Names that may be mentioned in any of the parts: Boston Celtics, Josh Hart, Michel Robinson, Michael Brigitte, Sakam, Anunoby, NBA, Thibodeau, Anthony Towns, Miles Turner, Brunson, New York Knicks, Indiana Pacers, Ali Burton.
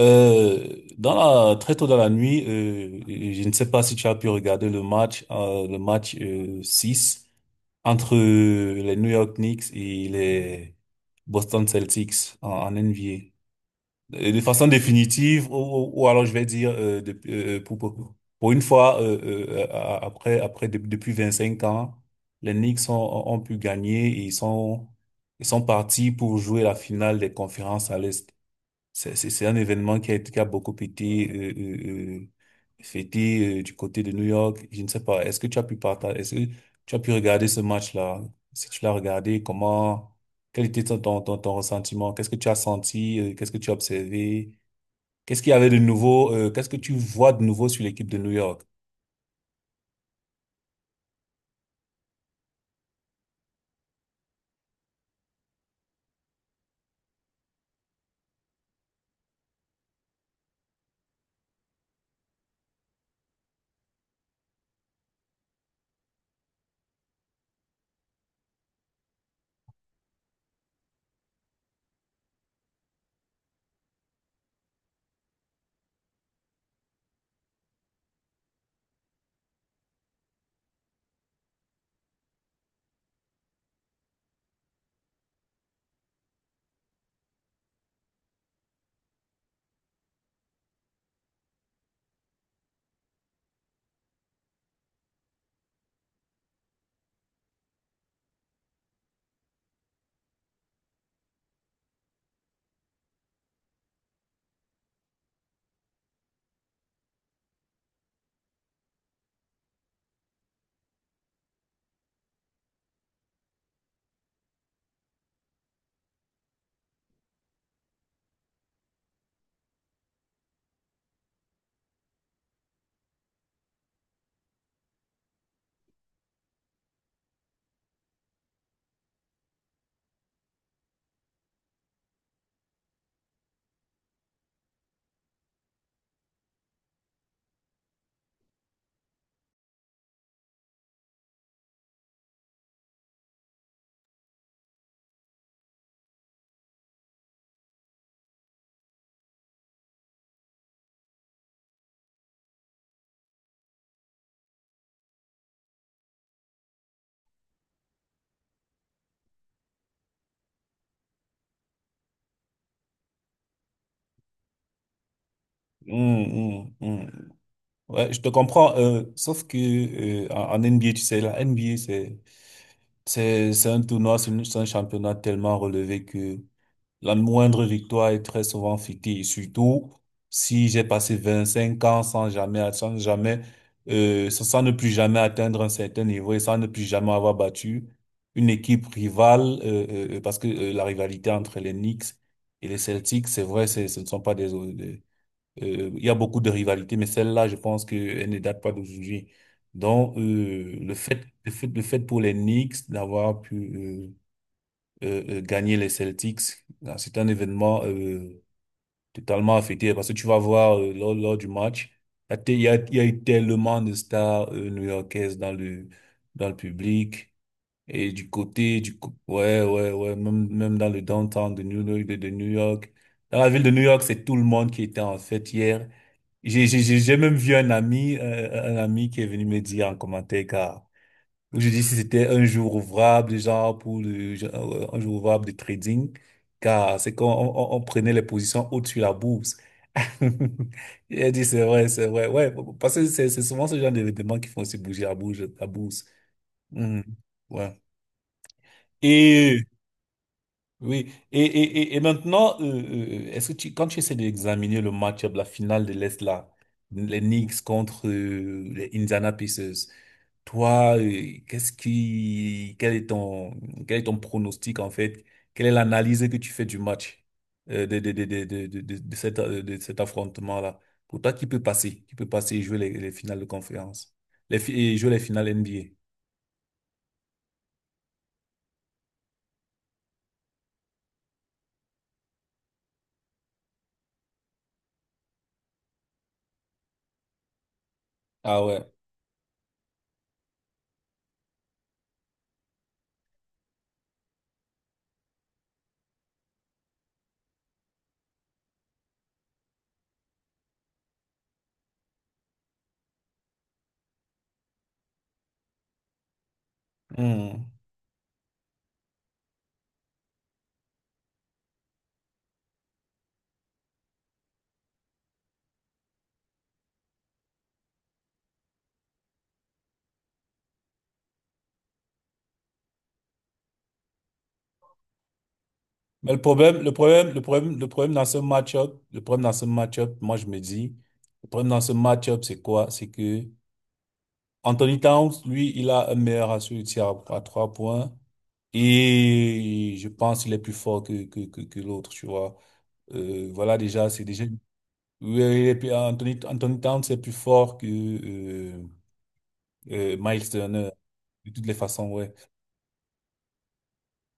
Euh, dans très tôt dans la nuit, je ne sais pas si tu as pu regarder le match 6 entre les New York Knicks et les Boston Celtics en NBA. De façon définitive, ou alors je vais dire pour une fois, depuis 25 ans, les Knicks ont pu gagner et ils sont partis pour jouer la finale des conférences à l'Est. C'est un événement qui a beaucoup été fêté du côté de New York. Je ne sais pas. Est-ce que tu as pu regarder ce match-là? Si tu l'as regardé, quel était ton ressentiment? Qu'est-ce que tu as senti? Qu'est-ce que tu as observé? Qu'est-ce qu'il y avait de nouveau? Qu'est-ce que tu vois de nouveau sur l'équipe de New York? Hum, hum, hum. Ouais, je te comprends. Sauf que en NBA, tu sais, la NBA, c'est un tournoi, c'est un championnat tellement relevé que la moindre victoire est très souvent fictive, surtout si j'ai passé 25 ans sans ne plus jamais atteindre un certain niveau et sans ne plus jamais avoir battu une équipe rivale, parce que la rivalité entre les Knicks et les Celtics, c'est vrai, ce ne sont pas des, des- il y a beaucoup de rivalités, mais celle-là, je pense qu'elle ne date pas d'aujourd'hui. Donc, le fait pour les Knicks d'avoir pu, gagner les Celtics. Ah, c'est un événement totalement affecté parce que tu vas voir lors du match, il y a, te- il y a eu tellement de stars new-yorkaises dans le public. Et du côté, du co- Ouais, ouais, ouais. Même, même dans le downtown de New York, de New York. Dans la ville de New York, c'est tout le monde qui était en fête hier. J'ai même vu un ami, qui est venu me dire en commentaire, car je dis si c'était un jour ouvrable, genre, un jour ouvrable de trading, car c'est quand on prenait les positions au-dessus de la bourse. Il a dit c'est vrai, c'est vrai. Ouais, parce que c'est souvent ce genre d'événements qui font aussi bouger la bourse. La bourse. Mhm. Ouais. Et oui, et maintenant, quand tu essaies d'examiner le match-up, la finale de l'Est, là, les Knicks contre les Indiana Pacers, toi, quel est ton pronostic en fait? Quelle est l'analyse que tu fais du match de cet affrontement-là? Pour toi, qui peut passer? Qui peut passer et jouer les finales de conférence? Et jouer les finales NBA? Ah, ouais. Mais le problème dans ce match-up, moi je me dis, le problème dans ce match-up, c'est quoi? C'est que Anthony Towns, lui, il a un meilleur ratio de tir à trois points et je pense qu'il est plus fort que l'autre, tu vois. Voilà, déjà, c'est déjà. Oui, et puis Anthony Towns, c'est plus fort que Miles Turner, de toutes les façons, ouais.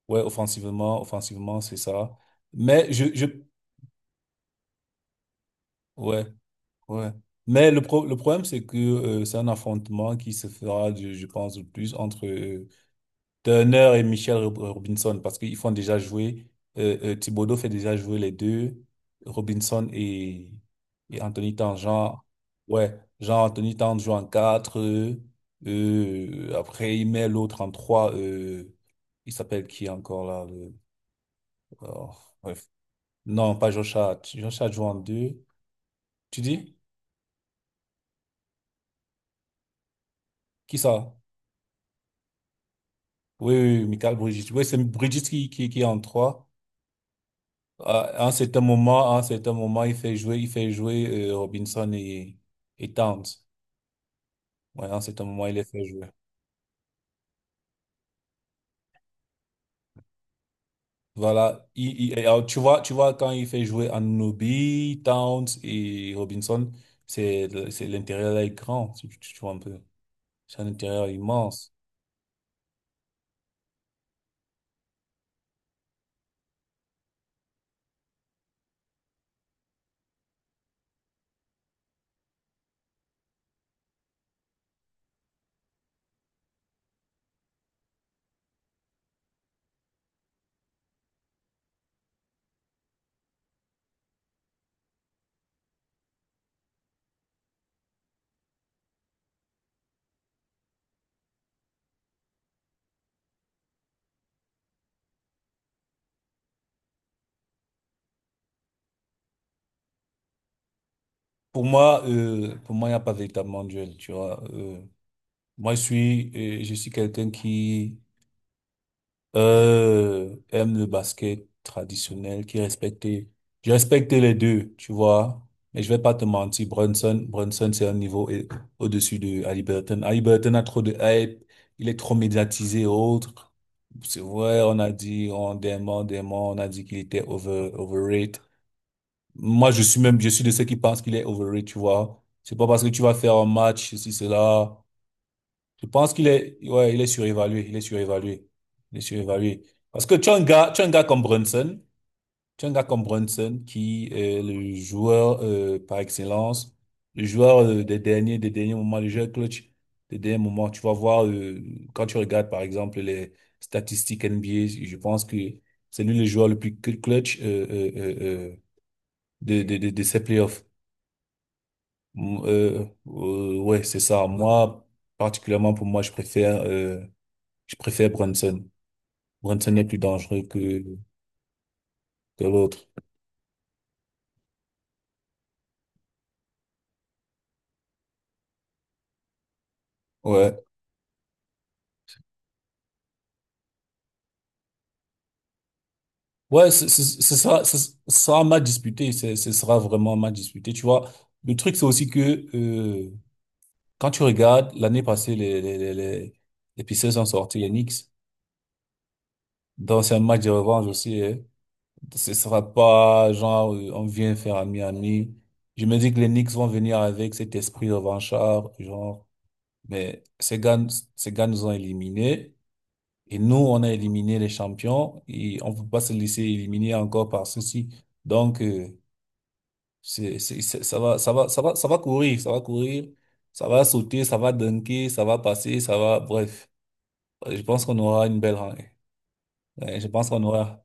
Ouais, offensivement, c'est ça. Mais je, je, ouais. Ouais. Mais le problème, c'est que c'est un affrontement qui se fera, je pense, le plus entre Turner et Michel Robinson, parce qu'ils font déjà jouer, Thibodeau fait déjà jouer les deux, Robinson et Anthony Tan. Ouais, Jean Anthony Tan joue en 4 après il met l'autre en 3 il s'appelle qui encore là oh, bref. Non, pas Josh Hart. Josh Hart joue en deux. Tu dis? Qui ça? Oui, oui, oui, Michael Brigitte. Oui, c'est Brigitte qui est en trois. À un certain moment, il fait jouer, Robinson et Towns. Ouais, à un certain moment, il les fait jouer. Voilà. Et alors, tu vois, quand il fait jouer Anunoby, Towns et Robinson, c'est l'intérieur là est grand. Tu vois un peu. C'est un intérieur immense. Pour moi, il n'y a pas véritablement de duel, tu vois. Moi, je suis, quelqu'un qui, aime le basket traditionnel, qui respectait. Je respectais les deux, tu vois. Mais je vais pas te mentir, Brunson, c'est un niveau au-dessus de Ali Burton. Ali Burton a trop de hype, il est trop médiatisé et autres. C'est vrai, on a dit, dément, on a dit qu'il était overrated. Moi, je suis de ceux qui pensent qu'il est overrated, tu vois. C'est pas parce que tu vas faire un match, ceci, cela. Je pense qu'il est, ouais, il est surévalué, il est surévalué, il est surévalué. Parce que tu as un gars comme Brunson qui est le joueur par excellence, le joueur des derniers moments, le joueur clutch des derniers moments. Tu vas voir quand tu regardes par exemple les statistiques NBA, je pense que c'est lui le joueur le plus clutch euh, de ces playoffs. Ouais, c'est ça. Moi, particulièrement pour moi, je préfère Brunson. Brunson est plus dangereux que l'autre. Ouais. Ouais, ce sera un match disputé. Ce sera vraiment un match disputé. Tu vois, le truc, c'est aussi que euh, quand tu regardes, l'année passée, les Pacers ont sorti les Knicks. Donc, c'est un match de revanche aussi, hein. Ce sera pas genre, on vient faire à Miami. Je me dis que les Knicks vont venir avec cet esprit revanchard, genre, mais ces gars nous ont éliminés. Et nous, on a éliminé les champions et on ne peut pas se laisser éliminer encore par ceci. Donc, ça va, ça va courir, ça va sauter, ça va dunker, ça va passer, ça va, bref. Je pense qu'on aura une belle rangée. Ouais, je pense qu'on aura.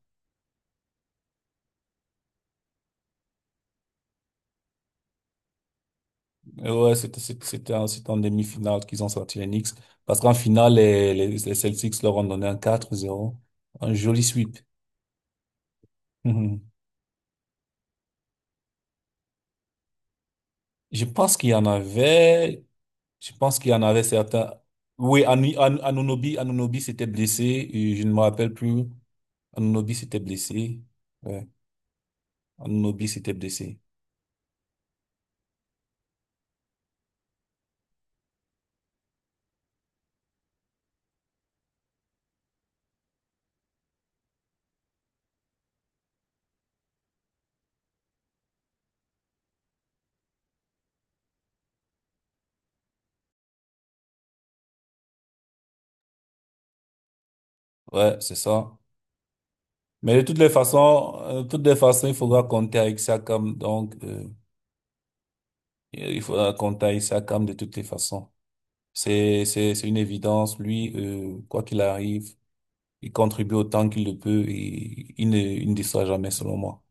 Ouais, c'était en demi-finale qu'ils ont sorti les Knicks. Parce qu'en finale, les Celtics leur ont donné un 4-0. Un joli sweep. Je pense qu'il y en avait. Je pense qu'il y en avait certains. Oui, Anunobi, s'était blessé. Et je ne me rappelle plus. Anunobi s'était blessé. Ouais. Anunobi s'était blessé. Ouais, c'est ça. Mais de toutes les façons, il faudra compter avec Sakam. Donc, il faudra compter avec Sakam de toutes les façons. C'est une évidence. Lui, quoi qu'il arrive, il contribue autant qu'il le peut et il ne déçoit jamais, selon moi.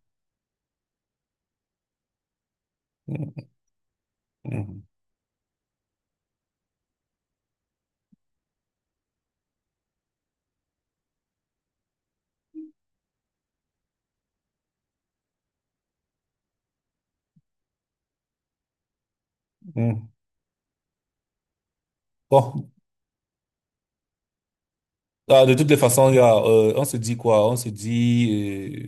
Mhm. Mhm. Bon. Ah, de toutes les façons, gars, on se dit quoi? On se dit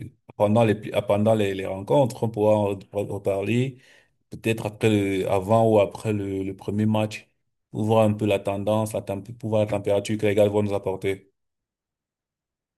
pendant les rencontres, on pourra en reparler peut-être avant ou après le premier match pour voir un peu la tendance, pour voir la température que les gars vont nous apporter.